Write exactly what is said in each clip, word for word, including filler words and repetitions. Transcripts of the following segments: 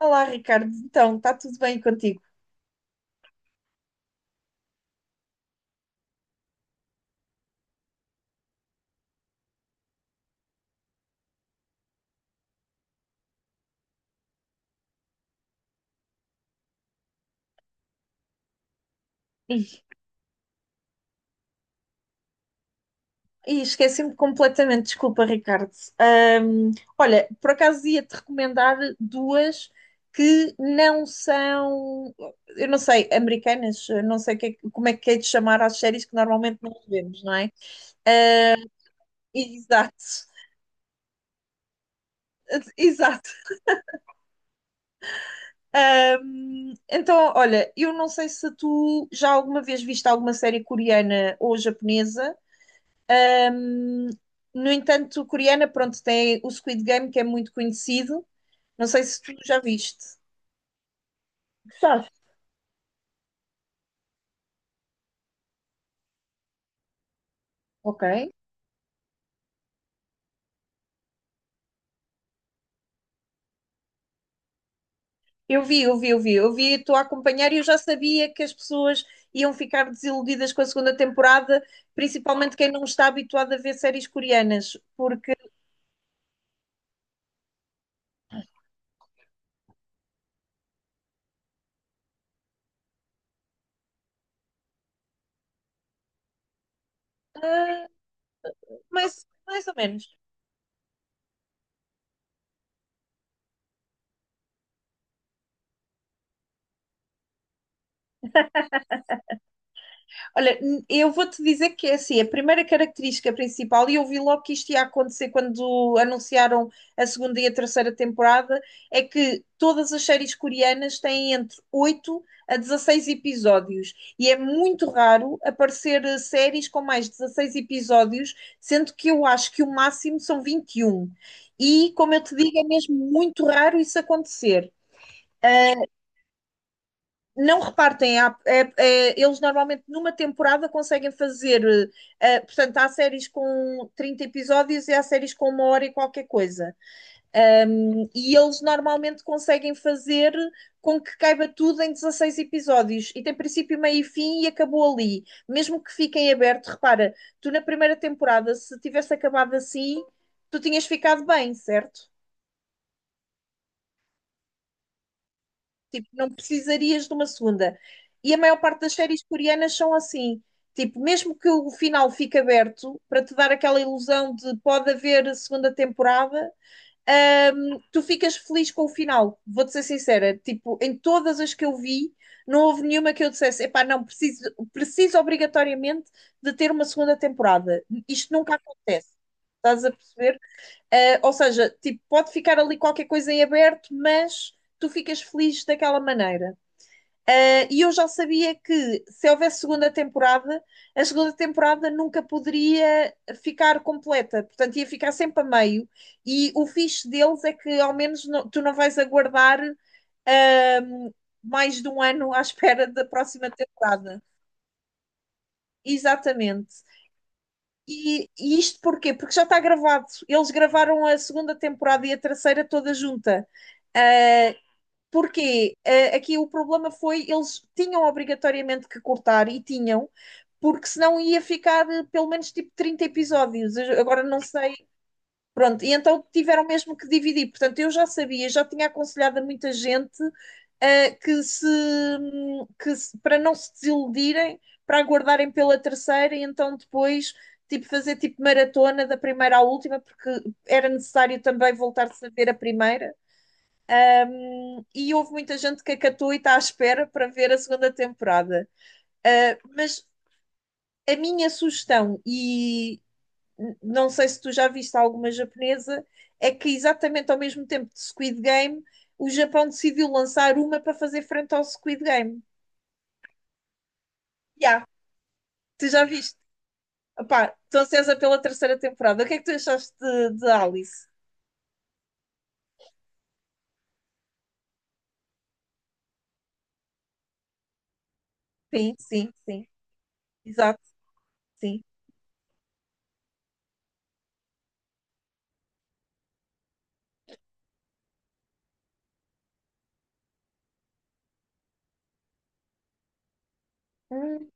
Olá, Ricardo. Então, está tudo bem contigo? Ih, ih, esqueci-me completamente. Desculpa, Ricardo. Ahm, olha, por acaso ia-te recomendar duas que não são, eu não sei, americanas, eu não sei o que é que- como é que é de chamar às séries que normalmente não vemos, não é? Ah, Exato, exato. Ahm, então, olha, eu não sei se tu já alguma vez viste alguma série coreana ou japonesa. Um, no entanto, coreana, pronto, tem o Squid Game, que é muito conhecido. Não sei se tu já viste. Gostaste? Ok. Eu vi, eu vi, eu vi. Eu vi, estou a acompanhar e eu já sabia que as pessoas iam ficar desiludidas com a segunda temporada, principalmente quem não está habituado a ver séries coreanas, porque, ah, mais, mais ou menos. Olha, n- eu vou-te dizer que é assim, a primeira característica principal, e eu vi logo que isto ia acontecer quando anunciaram a segunda e a terceira temporada, é que todas as séries coreanas têm entre oito a dezasseis episódios, e é muito raro aparecer eh, séries com mais de dezasseis episódios, sendo que eu acho que o máximo são vinte e um. E, como eu te digo, é mesmo muito raro isso acontecer. Não repartem, há- é- é- eles normalmente numa temporada conseguem fazer, eh, eh, portanto, há séries com trinta episódios e há séries com uma hora e qualquer coisa. Ahm, e eles normalmente conseguem fazer com que caiba tudo em dezasseis episódios. E tem princípio, meio e fim e acabou ali. Mesmo que fiquem aberto, repara, tu na primeira temporada, se tivesse acabado assim, tu tinhas ficado bem, certo? Tipo, não precisarias de uma segunda. E a maior parte das séries coreanas são assim. Tipo, mesmo que o final fique aberto, para te dar aquela ilusão de pode haver segunda temporada, hum, tu ficas feliz com o final. Vou-te ser sincera. Tipo, em todas as que eu vi, não houve nenhuma que eu dissesse, epá, não, preciso, preciso obrigatoriamente de ter uma segunda temporada. Isto nunca acontece. Estás a perceber? Uh, ou seja, tipo, pode ficar ali qualquer coisa em aberto, mas tu ficas feliz daquela maneira. Uh, e eu já sabia que se houvesse segunda temporada, a segunda temporada nunca poderia ficar completa, portanto ia ficar sempre a meio. E o fixe deles é que ao menos não- tu não vais aguardar uh, mais de um ano à espera da próxima temporada. Exatamente. E, e isto porquê? Porque já está gravado. Eles gravaram a segunda temporada e a terceira toda junta. Uh, porque uh, aqui o problema foi eles tinham obrigatoriamente que cortar e tinham, porque senão ia ficar uh, pelo menos tipo trinta episódios. Agora não sei. Pronto, e então tiveram mesmo que dividir. Portanto, eu já sabia, já tinha aconselhado a muita gente uh, que se, que se, para não se desiludirem, para aguardarem pela terceira e então depois tipo fazer tipo maratona da primeira à última, porque era necessário também voltar-se a ver a primeira. Hum, e houve muita gente que acatou e está à espera para ver a segunda temporada. Uh, mas a minha sugestão, e n- não sei se tu já viste alguma japonesa, é que exatamente ao mesmo tempo de Squid Game, o Japão decidiu lançar uma para fazer frente ao Squid Game. Já, yeah, tu já viste? Opá, estou ansiosa pela terceira temporada. O que é que tu achaste de, de Alice? Sim, sim, sim. Exato, sim. Hum,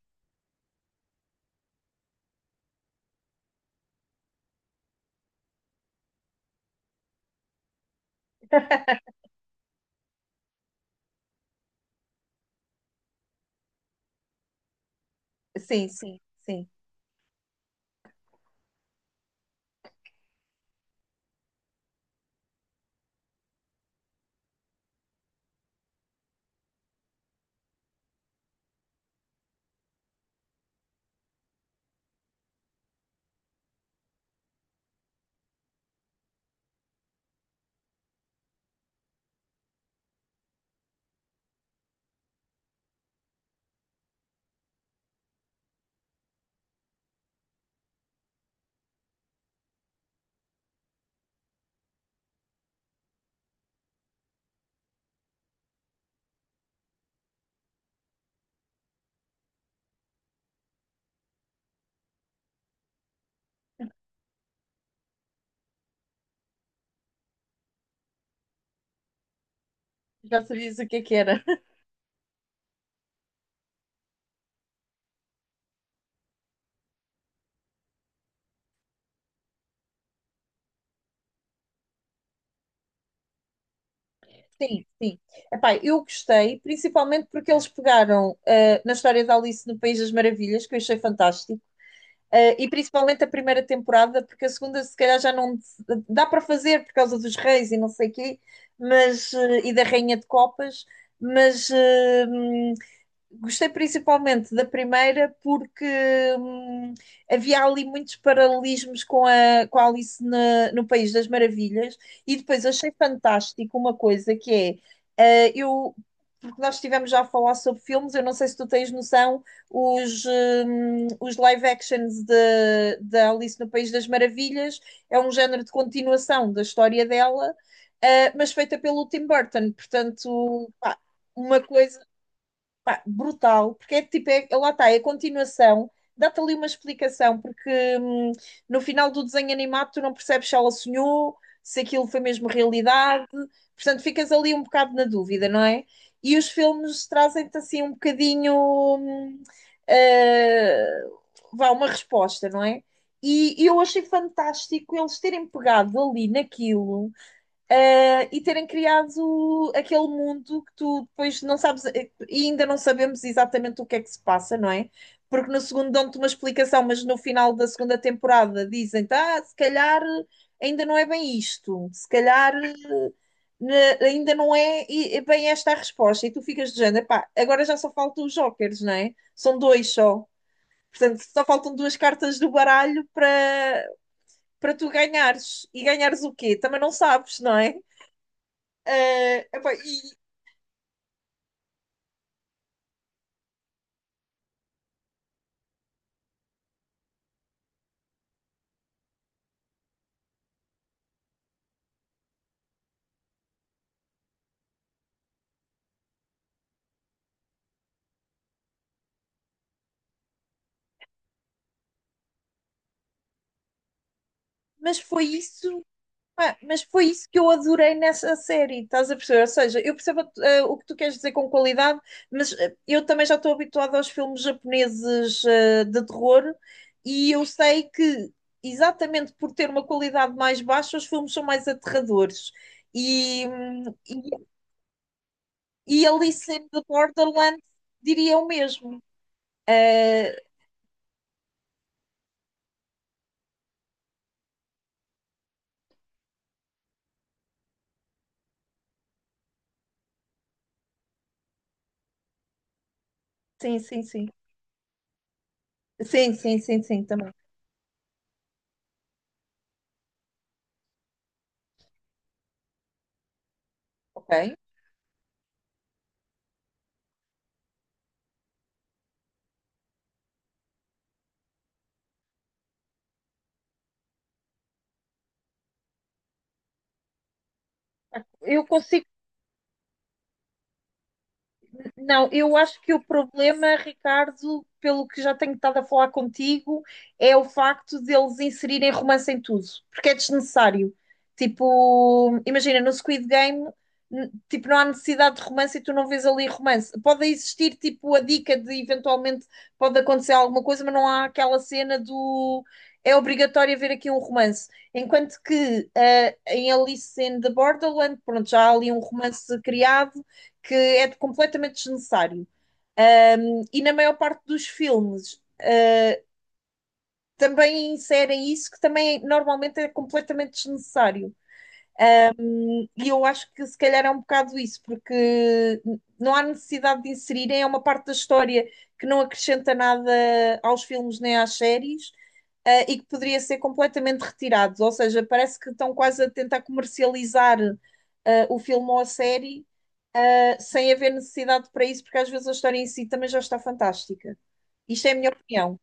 sim, sim, sim. Já sabias o que é que era. Sim, sim. Epá, eu gostei, principalmente porque eles pegaram eh, na história da Alice no País das Maravilhas, que eu achei fantástico, eh, e principalmente a primeira temporada, porque a segunda se calhar já não se- dá para fazer por causa dos reis e não sei quê, mas, eh, e da Rainha de Copas, mas eh, gostei principalmente da primeira porque hum, havia ali muitos paralelismos com a, com a Alice na- no País das Maravilhas, e depois achei fantástico uma coisa que é, eh, eu, porque nós estivemos já a falar sobre filmes, eu não sei se tu tens noção, os, hum, os live actions de- da Alice no País das Maravilhas é um género de continuação da história dela, eh, mas feita pelo Tim Burton, portanto, pá, uma coisa. Pá, brutal, porque é tipo, é, é, lá está, é a continuação, dá-te ali uma explicação, porque hum, no final do desenho animado tu não percebes se ela sonhou, se aquilo foi mesmo realidade, portanto ficas ali um bocado na dúvida, não é? E os filmes trazem-te assim um bocadinho, hum, ah, vá, uma resposta, não é? E, e eu achei fantástico eles terem pegado ali naquilo eh, e terem criado aquele mundo que tu depois não sabes, eh, e ainda não sabemos exatamente o que é que se passa, não é? Porque no segundo dão-te uma explicação, mas no final da segunda temporada dizem-te, ah, se calhar eh, ainda não é bem isto, se calhar né, ainda não é e- é bem esta a resposta, e tu ficas de género, pá, agora já só faltam os jokers, não é? São dois só. Portanto, só faltam duas cartas do baralho para para tu ganhares. E ganhares o quê? Também não sabes, não é? Eh, epá, e- mas foi isso, pá, mas foi isso que eu adorei nessa série, estás a perceber? Ou seja, eu percebo eh, o que tu queres dizer com qualidade, mas eh, eu também já estou habituada aos filmes japoneses eh, de terror e eu sei que exatamente por ter uma qualidade mais baixa, os filmes são mais aterradores. E, hum, e, e Alice in the Borderland diria o mesmo. Eh, sim, sim, sim. Sim, sim, sim, sim, também. Ok. Eu consigo. Não, eu acho que o problema, Ricardo, pelo que já tenho estado a falar contigo, é o facto de eles inserirem romance em tudo, porque é desnecessário. Tipo, imagina, no Squid Game, n- tipo, não há necessidade de romance e tu não vês ali romance. Pode existir, tipo, a dica de eventualmente pode acontecer alguma coisa, mas não há aquela cena do é obrigatório haver aqui um romance. Enquanto que eh, em Alice in the Borderland, pronto, já há ali um romance criado que é de- completamente desnecessário. Um, e na maior parte dos filmes, uh, também inserem isso, que também normalmente é completamente desnecessário. E eu acho que se calhar é um bocado isso, porque n- não há necessidade de inserirem, é uma parte da história que não acrescenta nada aos filmes nem às séries. uh, e que poderia ser completamente retirados, ou seja, parece que estão quase a tentar comercializar uh, o filme ou a série, ah, sem haver necessidade para isso, porque às vezes a história em si também já está fantástica. Isto é a minha opinião.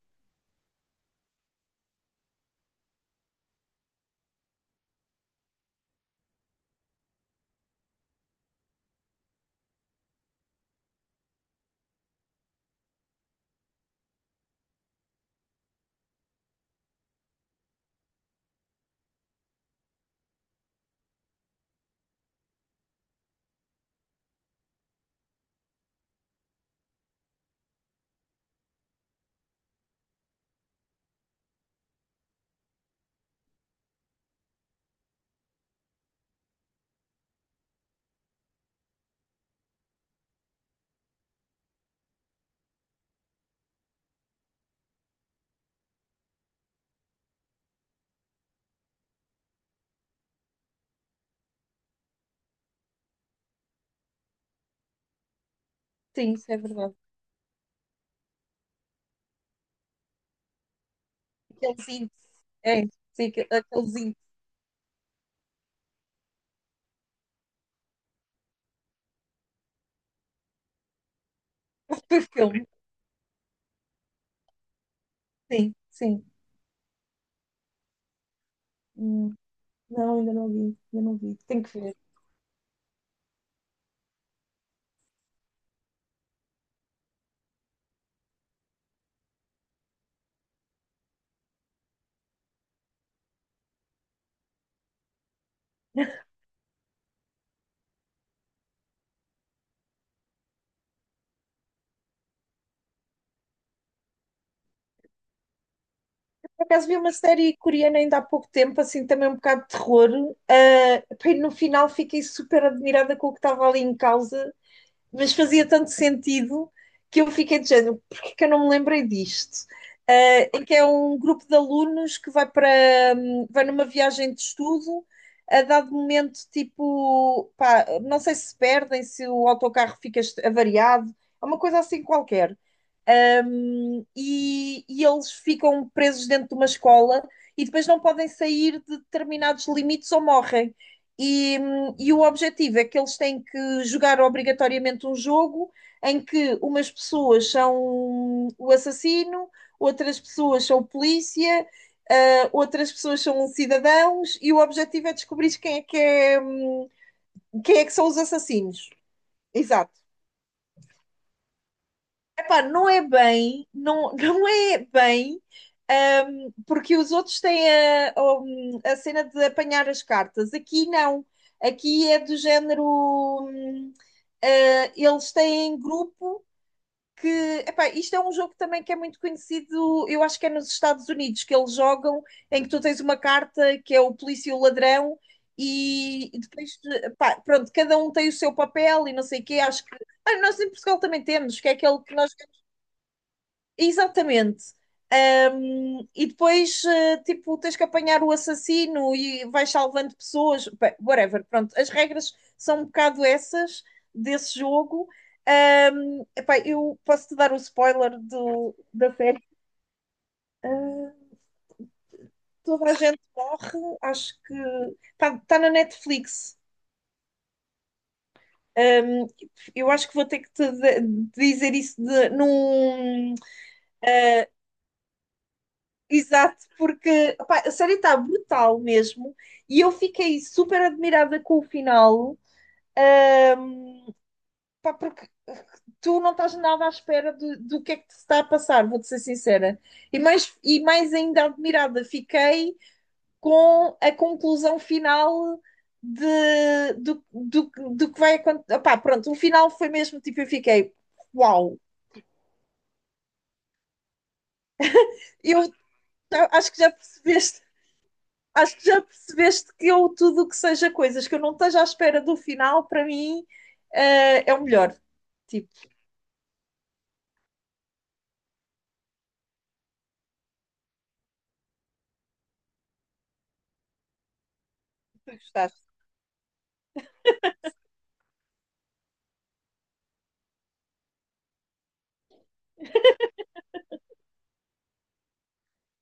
Sim, isso é verdade. Aqueles índices. É, sim, aqu- aqueles índices do filme. Sim, sim. Hum, não, ainda não vi, ainda não vi. Tenho que ver. Por acaso vi uma série coreana ainda há pouco tempo, assim, também um bocado de terror. Ah, pá, e no final fiquei super admirada com o que estava ali em causa. Mas fazia tanto sentido que eu fiquei de género, porque que eu não me lembrei disto? Eh, em que é um grupo de alunos que vai para hum, vai numa viagem de estudo, a dado momento, tipo, pá, não sei se perdem, se o autocarro fica avariado, é uma coisa assim qualquer. Um, e, e eles ficam presos dentro de uma escola e depois não podem sair de determinados limites ou morrem. E, e, o objetivo é que eles têm que jogar obrigatoriamente um jogo em que umas pessoas são o assassino, outras pessoas são polícia, uh, outras pessoas são cidadãos, e o objetivo é descobrir quem é que, é, hum, quem é que são os assassinos. Exato. Epá, não é bem, não, não é bem, ahm, porque os outros têm a, um, a cena de apanhar as cartas. Aqui não. Aqui é do género. hum, ah, eles têm grupo que. Epá, isto é um jogo também que é muito conhecido, eu acho que é nos Estados Unidos, que eles jogam, em que tu tens uma carta que é o polícia e o ladrão, e, e depois, epá, pronto, cada um tem o seu papel e não sei o quê. Acho que. Ah, nós em Portugal também temos, que é aquele que nós. Exatamente. Ahm, e depois, eh, tipo, tens que apanhar o assassino e vais salvando pessoas, bem, whatever. Pronto, as regras são um bocado essas desse jogo. Ahm, epá, eu posso-te dar o spoiler do, da série. Ah, toda a gente morre, acho que está na Netflix. Ahm, eu acho que vou ter que te de- dizer isso de, num. Exato, porque opá, a série está brutal mesmo e eu fiquei super admirada com o final, pá, porque tu não estás nada à espera do, do que é que te está a passar, vou-te ser sincera. E mais, e mais ainda admirada fiquei com a conclusão final de, do, do, do que vai acontecer. Opá, pronto, o final foi mesmo tipo, eu fiquei, uau, eu acho que já percebeste Acho que já percebeste que eu, tudo o que seja coisas que eu não esteja à espera do final, para mim, eh, é o melhor. Tipo, tu gostaste.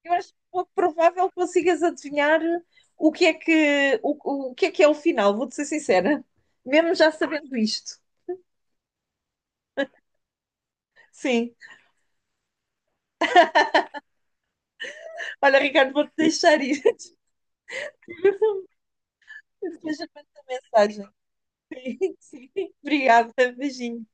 Eu acho pouco provável que consigas adivinhar o que é que, o, o que é que é o final, vou-te ser sincera. Mesmo já sabendo isto. Sim. Olha, Ricardo, vou-te deixar ir. Depois eu mando a mensagem. Sim, sim. Obrigada. Beijinho.